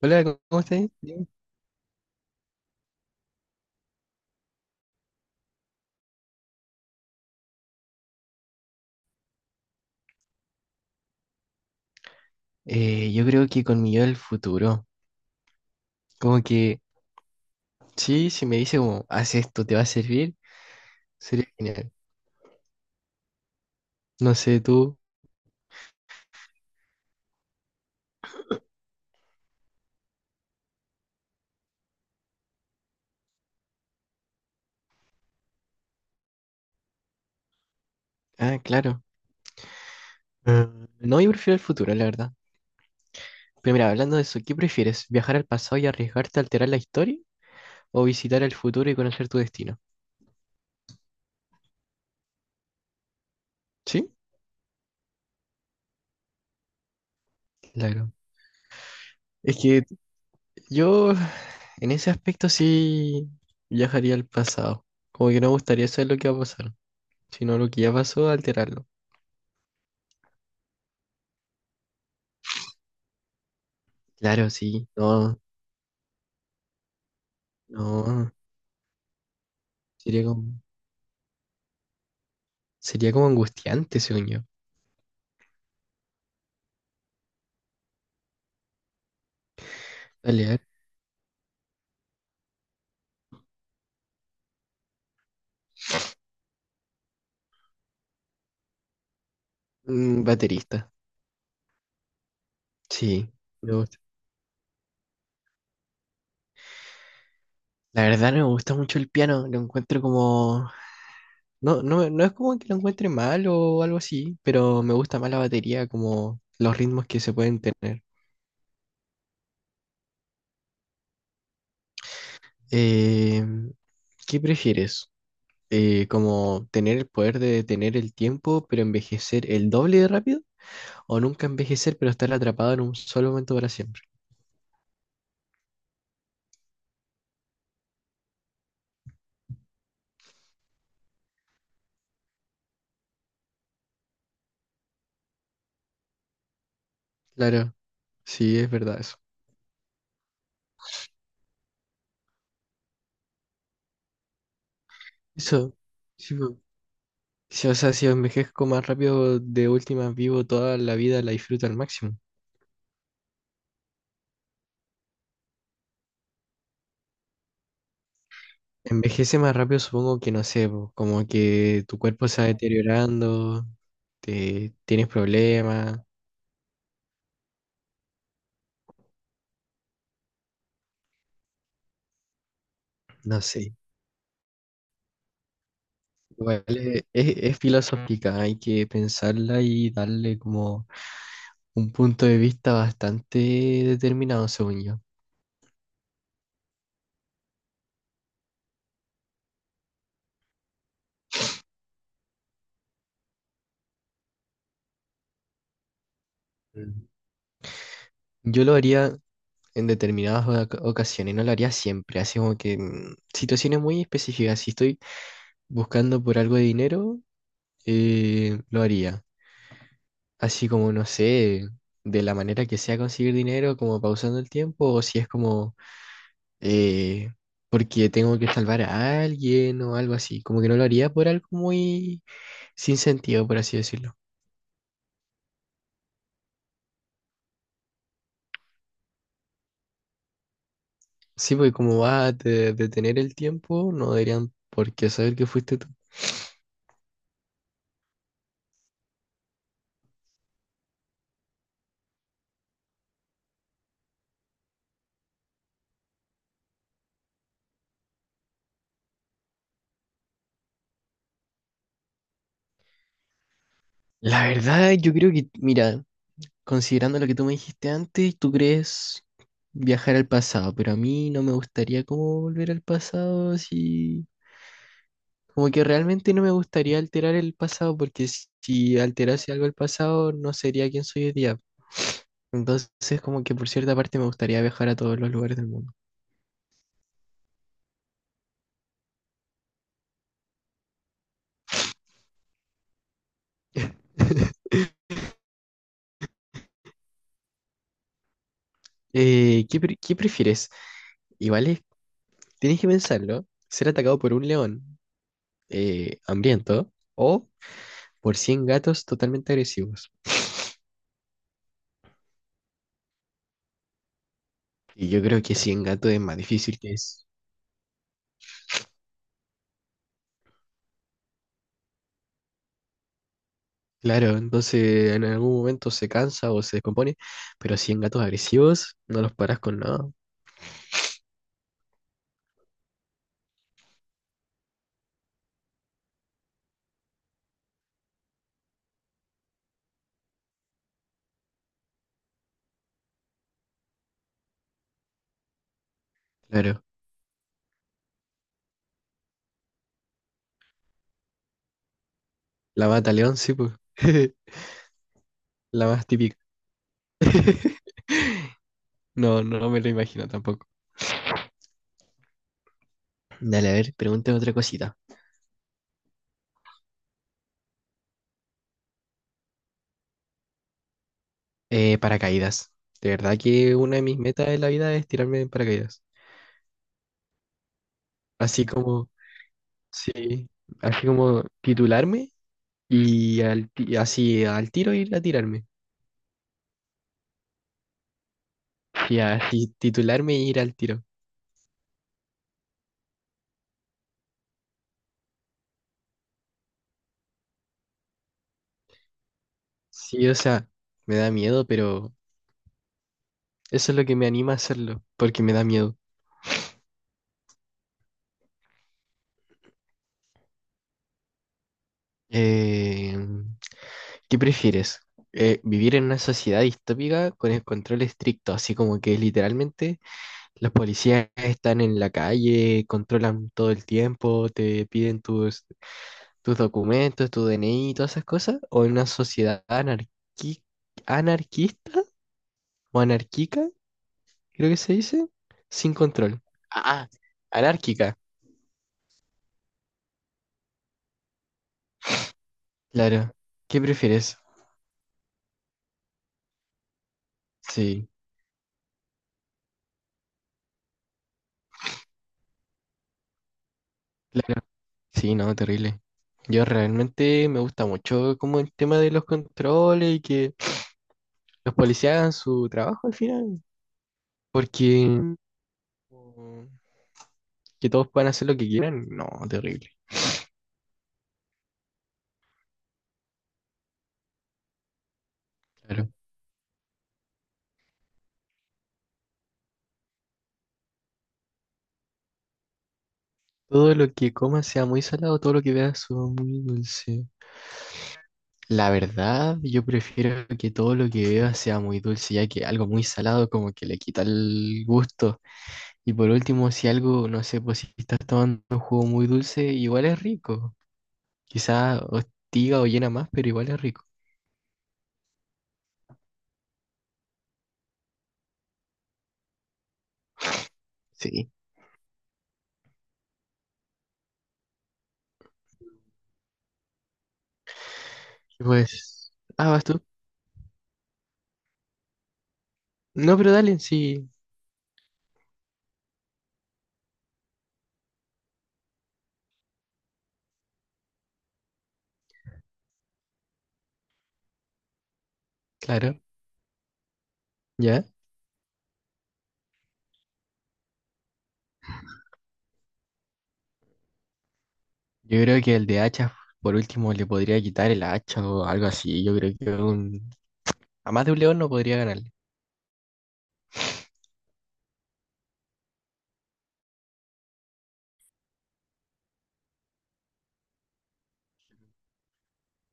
Hola, ¿cómo estás? Bien. Yo creo que con mi yo del futuro, como que sí, si me dice como, haz esto, te va a servir, sería genial. No sé, tú. Ah, claro. Ah, No, yo prefiero el futuro, la verdad. Pero mira, hablando de eso, ¿qué prefieres? ¿Viajar al pasado y arriesgarte a alterar la historia? ¿O visitar el futuro y conocer tu destino? Sí, claro. Es que yo, en ese aspecto, sí viajaría al pasado. Como que no me gustaría saber lo que va a pasar, sino lo que ya pasó, alterarlo. Claro, sí, no, No, sería como, sería como angustiante, según yo. Dale, a ver. Baterista. Sí, me gusta. La verdad no me gusta mucho el piano, lo encuentro como... No, no, no es como que lo encuentre mal o algo así, pero me gusta más la batería, como los ritmos que se pueden tener. Eh, ¿Qué prefieres? ¿Como tener el poder de detener el tiempo, pero envejecer el doble de rápido? ¿O nunca envejecer, pero estar atrapado en un solo momento para siempre? Claro, sí, es verdad eso. Eso, sí, po. Sí, o sea, si envejezco más rápido, de última vivo toda la vida, la disfruto al máximo. Envejece más rápido, supongo que no sé, po, como que tu cuerpo se va deteriorando, tienes problemas, no sé. Igual es, es filosófica, hay que pensarla y darle como un punto de vista bastante determinado, según yo. Mm. Yo lo haría en determinadas ocasiones, no lo haría siempre, así como que situaciones muy específicas. Si estoy buscando por algo de dinero, lo haría. Así como, no sé, de la manera que sea conseguir dinero, como pausando el tiempo, o si es como eh, porque tengo que salvar a alguien o algo así. Como que no lo haría por algo muy sin sentido, por así decirlo. Sí, porque como va a detener el tiempo, no deberían por qué saber que fuiste tú. La verdad, yo creo que, mira, considerando lo que tú me dijiste antes, tú crees viajar al pasado, pero a mí no me gustaría como volver al pasado, si como que realmente no me gustaría alterar el pasado, porque si alterase algo el pasado no sería quien soy hoy día. Entonces, como que por cierta parte me gustaría viajar a todos los lugares del mundo. ¿ qué prefieres? Igual es- tienes que pensarlo, ser atacado por un león hambriento o por 100 totalmente agresivos. Y yo creo que si en gato es más difícil que es. Claro, entonces en algún momento se cansa o se descompone, pero si en gatos agresivos no los paras con nada. Claro, la mata león, sí, pues. La más típica. No, no me lo imagino tampoco. Dale, a ver, pregúntame otra cosita. Paracaídas. De verdad que una de mis metas en la vida es tirarme en paracaídas. Así como, sí, así como titularme y al así al tiro ir a tirarme. Y así titularme y ir al tiro. Sí, o sea, me da miedo, pero eso es lo que me anima a hacerlo, porque me da miedo. Eh, ¿Qué prefieres? ¿Vivir en una sociedad distópica con el control estricto, así como que literalmente los policías están en la calle, controlan todo el tiempo, te piden tus documentos, tu DNI y todas esas cosas? ¿O en una sociedad anarquista o anarquica, creo que se dice, sin control? Ah, anárquica. Claro. ¿Qué prefieres? Sí, claro. Sí, no, terrible. Yo realmente me gusta mucho como el tema de los controles y que los policías hagan su trabajo al final. Porque como que todos puedan hacer lo que quieran, no, terrible. Claro. Todo lo que comas sea muy salado, todo lo que veas sea muy dulce. La verdad, yo prefiero que todo lo que vea sea muy dulce, ya que algo muy salado como que le quita el gusto. Y por último, si algo, no sé, pues si estás tomando un jugo muy dulce, igual es rico. Quizá hostiga o llena más, pero igual es rico. Sí. Y pues, vas tú. No, pero dale, sí, claro, ya. Yo creo que el de hacha, por último, le podría quitar el hacha o algo así. Yo creo que a más de un león no podría ganarle.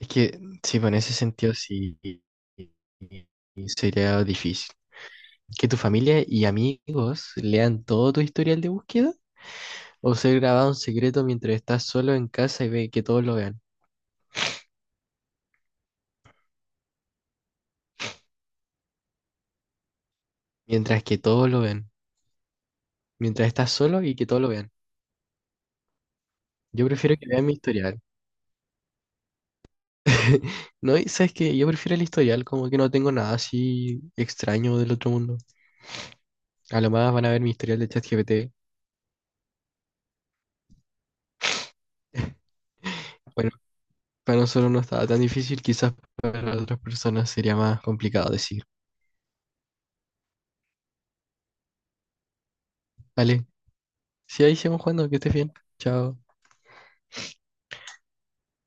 Es que, sí, pues en ese sentido sí sería difícil. Que tu familia y amigos lean todo tu historial de búsqueda. O ser grabado en secreto mientras estás solo en casa y ve que todos lo vean. Mientras que todos lo ven. Mientras estás solo y que todos lo vean. Yo prefiero que vean mi historial. No, y sabes que yo prefiero el historial, como que no tengo nada así extraño del otro mundo. A lo más van a ver mi historial de ChatGPT. Bueno, para nosotros no estaba tan difícil, quizás para otras personas sería más complicado decir. Vale, si ahí seguimos jugando, que estés bien. Chao.